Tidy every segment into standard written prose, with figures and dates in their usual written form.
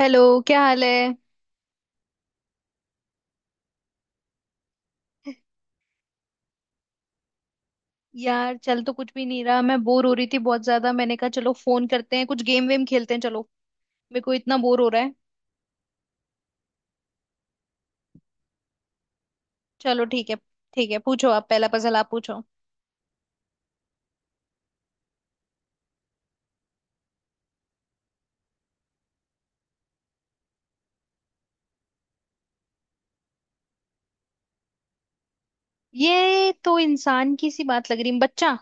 Hello. क्या हाल है। यार चल तो कुछ भी नहीं रहा, मैं बोर हो रही थी बहुत ज्यादा। मैंने कहा चलो फोन करते हैं, कुछ गेम वेम खेलते हैं। चलो मेरे को इतना बोर हो रहा है। चलो ठीक है। ठीक है पूछो, आप पहला पजल आप पूछो। ये तो इंसान की सी बात लग रही है बच्चा।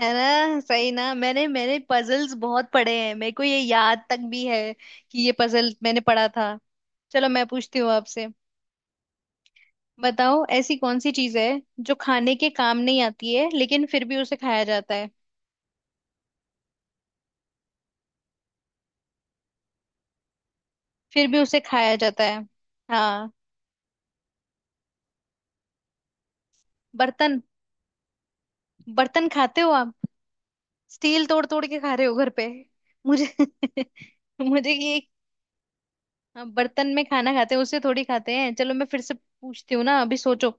है ना सही ना, मैंने मैंने पजल्स बहुत पढ़े हैं, मेरे को ये याद तक भी है कि ये पजल मैंने पढ़ा था। चलो मैं पूछती हूँ आपसे। बताओ ऐसी कौन सी चीज है जो खाने के काम नहीं आती है लेकिन फिर भी उसे खाया जाता है। फिर भी उसे खाया जाता है। हाँ। बर्तन। बर्तन खाते हो आप। स्टील तोड़ तोड़ के खा रहे हो घर पे। मुझे मुझे ये बर्तन में खाना खाते हैं उसे थोड़ी खाते हैं। चलो मैं फिर से पूछती हूँ ना, अभी सोचो।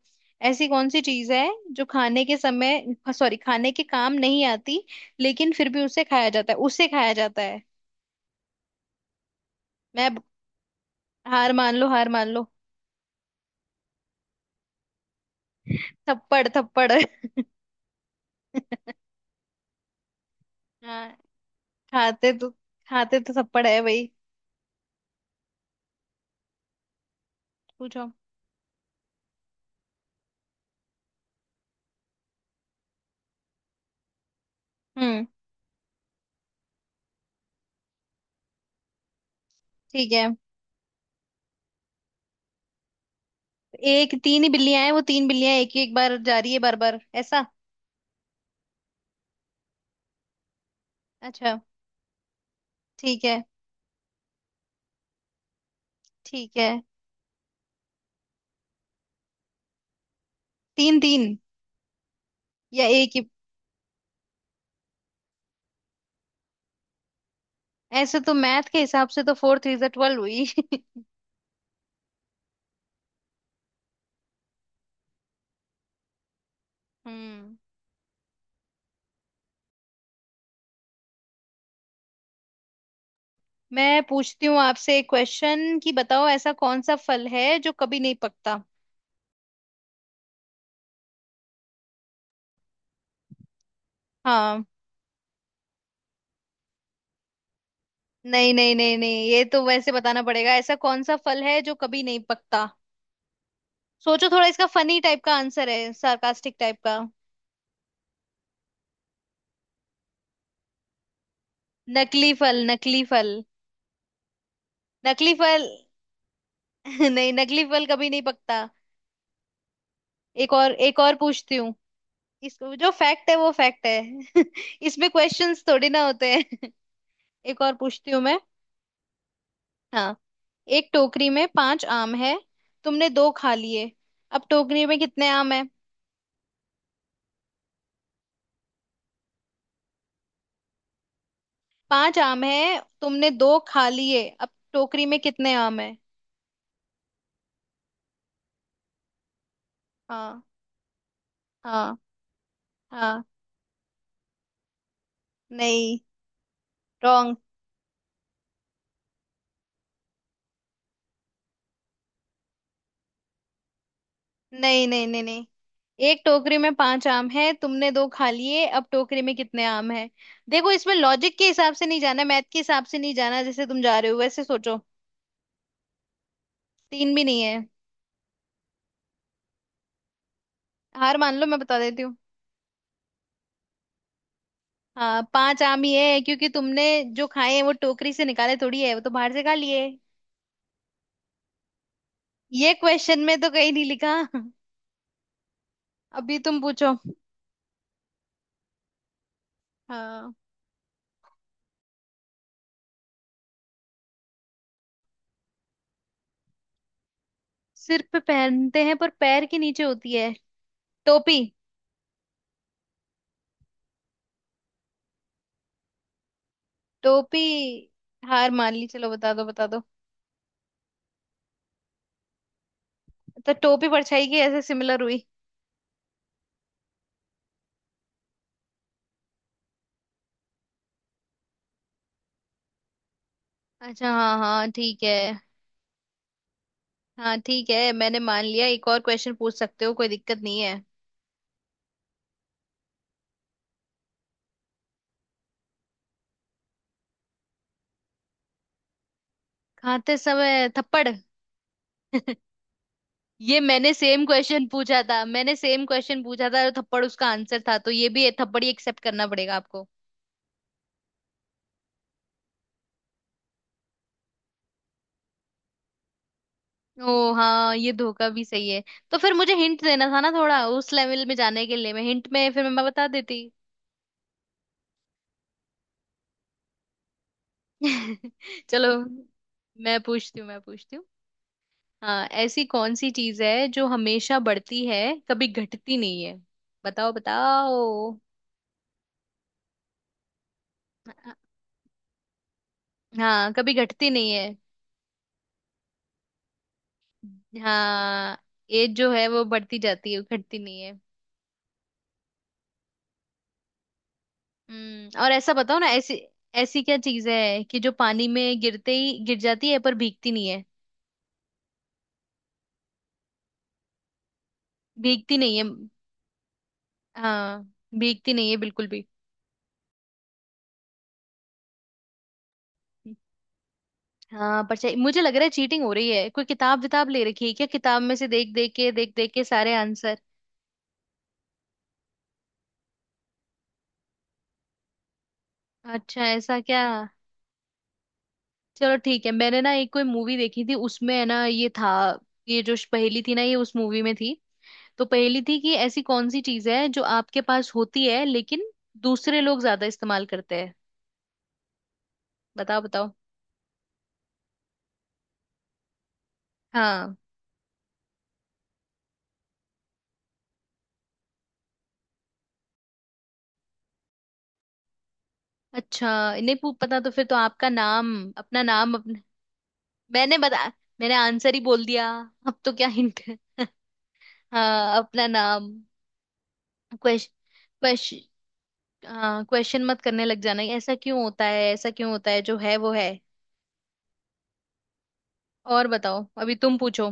ऐसी कौन सी चीज है जो खाने के समय, सॉरी, खाने के काम नहीं आती लेकिन फिर भी उसे खाया जाता है, उसे खाया जाता है। मैं अब- हार मान लो, हार मान लो। थप्पड़, थप्पड़ हाँ खाते तो, खाते तो थप्पड़ है भाई। पूछो। हम्म। ठीक है। एक तीन ही बिल्लियां हैं, वो तीन बिल्लियां एक ही एक बार जा रही है बार बार ऐसा। अच्छा ठीक है। ठीक है। तीन तीन या एक ही। ऐसे तो मैथ के हिसाब से तो फोर थ्री 12 हुई हम्म। मैं पूछती हूँ आपसे एक क्वेश्चन कि बताओ ऐसा कौन सा फल है जो कभी नहीं पकता। हाँ। नहीं नहीं नहीं नहीं, ये तो वैसे बताना पड़ेगा। ऐसा कौन सा फल है जो कभी नहीं पकता। सोचो थोड़ा, इसका फनी टाइप का आंसर है, सार्कास्टिक टाइप का। नकली फल, नकली फल। नकली फल। नहीं, नकली फल कभी नहीं पकता। एक और, एक और पूछती हूँ। इसको जो फैक्ट है वो फैक्ट है इसमें क्वेश्चंस थोड़ी ना होते हैं। एक और पूछती हूँ मैं। हाँ। एक टोकरी में पांच आम है, तुमने दो खा लिए, अब टोकरी में कितने आम है। पांच आम है, तुमने दो खा लिए, अब टोकरी में कितने आम है। हाँ। हाँ। हाँ। नहीं। रॉन्ग। नहीं नहीं नहीं नहीं। एक टोकरी में पांच आम है, तुमने दो खा लिए, अब टोकरी में कितने आम है। देखो इसमें लॉजिक के हिसाब से नहीं जाना, मैथ के हिसाब से नहीं जाना, जैसे तुम जा रहे हो वैसे सोचो। तीन भी नहीं है। हार मान लो, मैं बता देती हूँ। हाँ, पांच आम ही है क्योंकि तुमने जो खाए हैं वो टोकरी से निकाले थोड़ी है, वो तो बाहर से खा लिए। ये क्वेश्चन में तो कहीं नहीं लिखा अभी तुम पूछो। हाँ सिर पे पहनते हैं पर पैर के नीचे होती है। टोपी। टोपी। हार मान ली, चलो बता दो, बता दो। तो टोपी परछाई की ऐसे सिमिलर हुई। अच्छा हाँ हाँ ठीक है। हाँ ठीक है, मैंने मान लिया। एक और क्वेश्चन पूछ सकते हो, कोई दिक्कत नहीं है। खाते समय थप्पड़। ये मैंने सेम क्वेश्चन पूछा था, मैंने सेम क्वेश्चन पूछा था और थप्पड़ उसका आंसर था, तो ये भी थप्पड़ ही एक्सेप्ट करना पड़ेगा आपको। ओ हाँ, ये धोखा भी सही है। तो फिर मुझे हिंट देना था ना थोड़ा, उस लेवल में जाने के लिए, मैं हिंट में फिर मैं बता देती। चलो मैं पूछती हूँ, मैं पूछती हूँ। हाँ, ऐसी कौन सी चीज है जो हमेशा बढ़ती है, कभी घटती नहीं है। बताओ, बताओ। हाँ, कभी घटती नहीं है। हाँ, एज जो है वो बढ़ती जाती है, घटती नहीं है। हम्म, और ऐसा बताओ ना। ऐसी ऐसी क्या चीज है कि जो पानी में गिरते ही गिर जाती है पर भीगती नहीं है। भीगती नहीं है। हाँ, भीगती नहीं है बिल्कुल भी। हाँ परछाई। मुझे लग रहा है चीटिंग हो रही है, कोई किताब विताब ले रखी है क्या, किताब में से देख देख के, देख देख के सारे आंसर। अच्छा ऐसा क्या। चलो ठीक है, मैंने ना एक कोई मूवी देखी थी उसमें है ना ये था, ये जो पहेली थी ना ये उस मूवी में थी। तो पहेली थी कि ऐसी कौन सी चीज है जो आपके पास होती है लेकिन दूसरे लोग ज्यादा इस्तेमाल करते हैं। बताओ, बताओ। हाँ। अच्छा। नहीं पू- पता तो फिर तो आपका नाम, अपना नाम अपने। मैंने बता मैंने आंसर ही बोल दिया, अब तो क्या हिंट है हाँ अपना नाम। Question, question. हाँ क्वेश्चन मत करने लग जाना, ऐसा क्यों होता है, ऐसा क्यों होता है। जो है वो है। और बताओ, अभी तुम पूछो।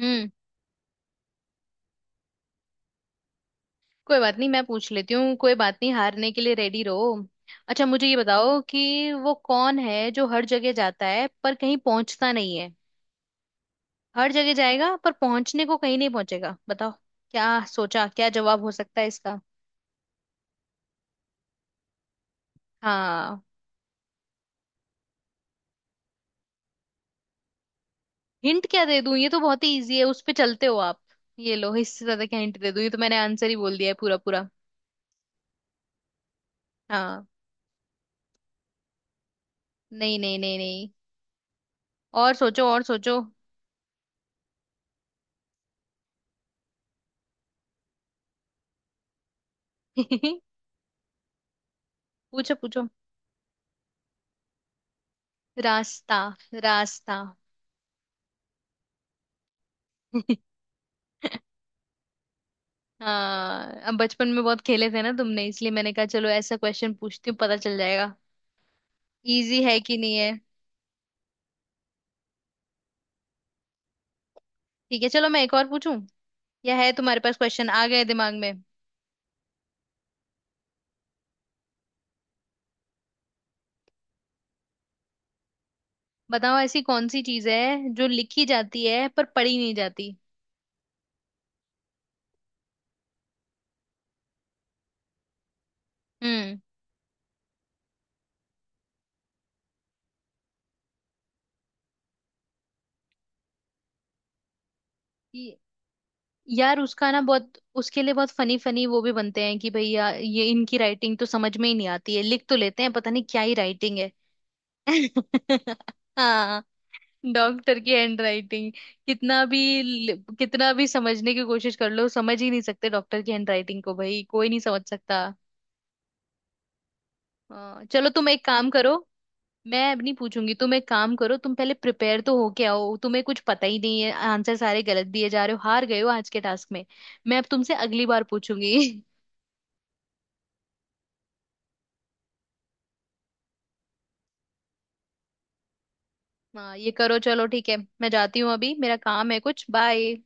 हम्म। कोई बात नहीं मैं पूछ लेती हूँ। कोई बात नहीं, हारने के लिए रेडी रहो। अच्छा मुझे ये बताओ कि वो कौन है जो हर जगह जाता है पर कहीं पहुंचता नहीं है। हर जगह जाएगा पर पहुंचने को कहीं नहीं पहुंचेगा। बताओ। क्या सोचा, क्या जवाब हो सकता है इसका। हाँ। हिंट क्या दे दूं, ये तो बहुत ही इजी है, उस पे चलते हो आप। ये लो इससे ज्यादा क्या हिंट दे दूं, ये तो मैंने आंसर ही बोल दिया है पूरा पूरा। हाँ। नहीं नहीं नहीं नहीं। और सोचो, और सोचो। पूछो, पूछो। रास्ता। रास्ता। हाँ, अब बचपन में बहुत खेले थे ना तुमने, इसलिए मैंने कहा चलो ऐसा क्वेश्चन पूछती हूँ, पता चल जाएगा इजी है कि नहीं है। ठीक है, चलो मैं एक और पूछूं। या है तुम्हारे पास क्वेश्चन आ गए दिमाग में। बताओ ऐसी कौन सी चीज है जो लिखी जाती है पर पढ़ी नहीं जाती। हम्म। ये- यार उसका ना, बहुत उसके लिए बहुत फनी फनी वो भी बनते हैं कि भैया ये इनकी राइटिंग तो समझ में ही नहीं आती है, लिख तो लेते हैं पता नहीं क्या ही राइटिंग है। हाँ, डॉक्टर की हैंड राइटिंग। कितना भी समझने की कोशिश कर लो समझ ही नहीं सकते, डॉक्टर की हैंड राइटिंग को भाई कोई नहीं समझ सकता। चलो तुम एक काम करो। मैं अब नहीं पूछूंगी, तुम एक काम करो, तुम पहले प्रिपेयर तो हो के आओ। तुम्हें कुछ पता ही नहीं है, आंसर सारे गलत दिए जा रहे हो, हार गए हो आज के टास्क में। मैं अब तुमसे अगली बार पूछूंगी। हाँ ये करो। चलो ठीक है, मैं जाती हूँ अभी, मेरा काम है कुछ। बाय।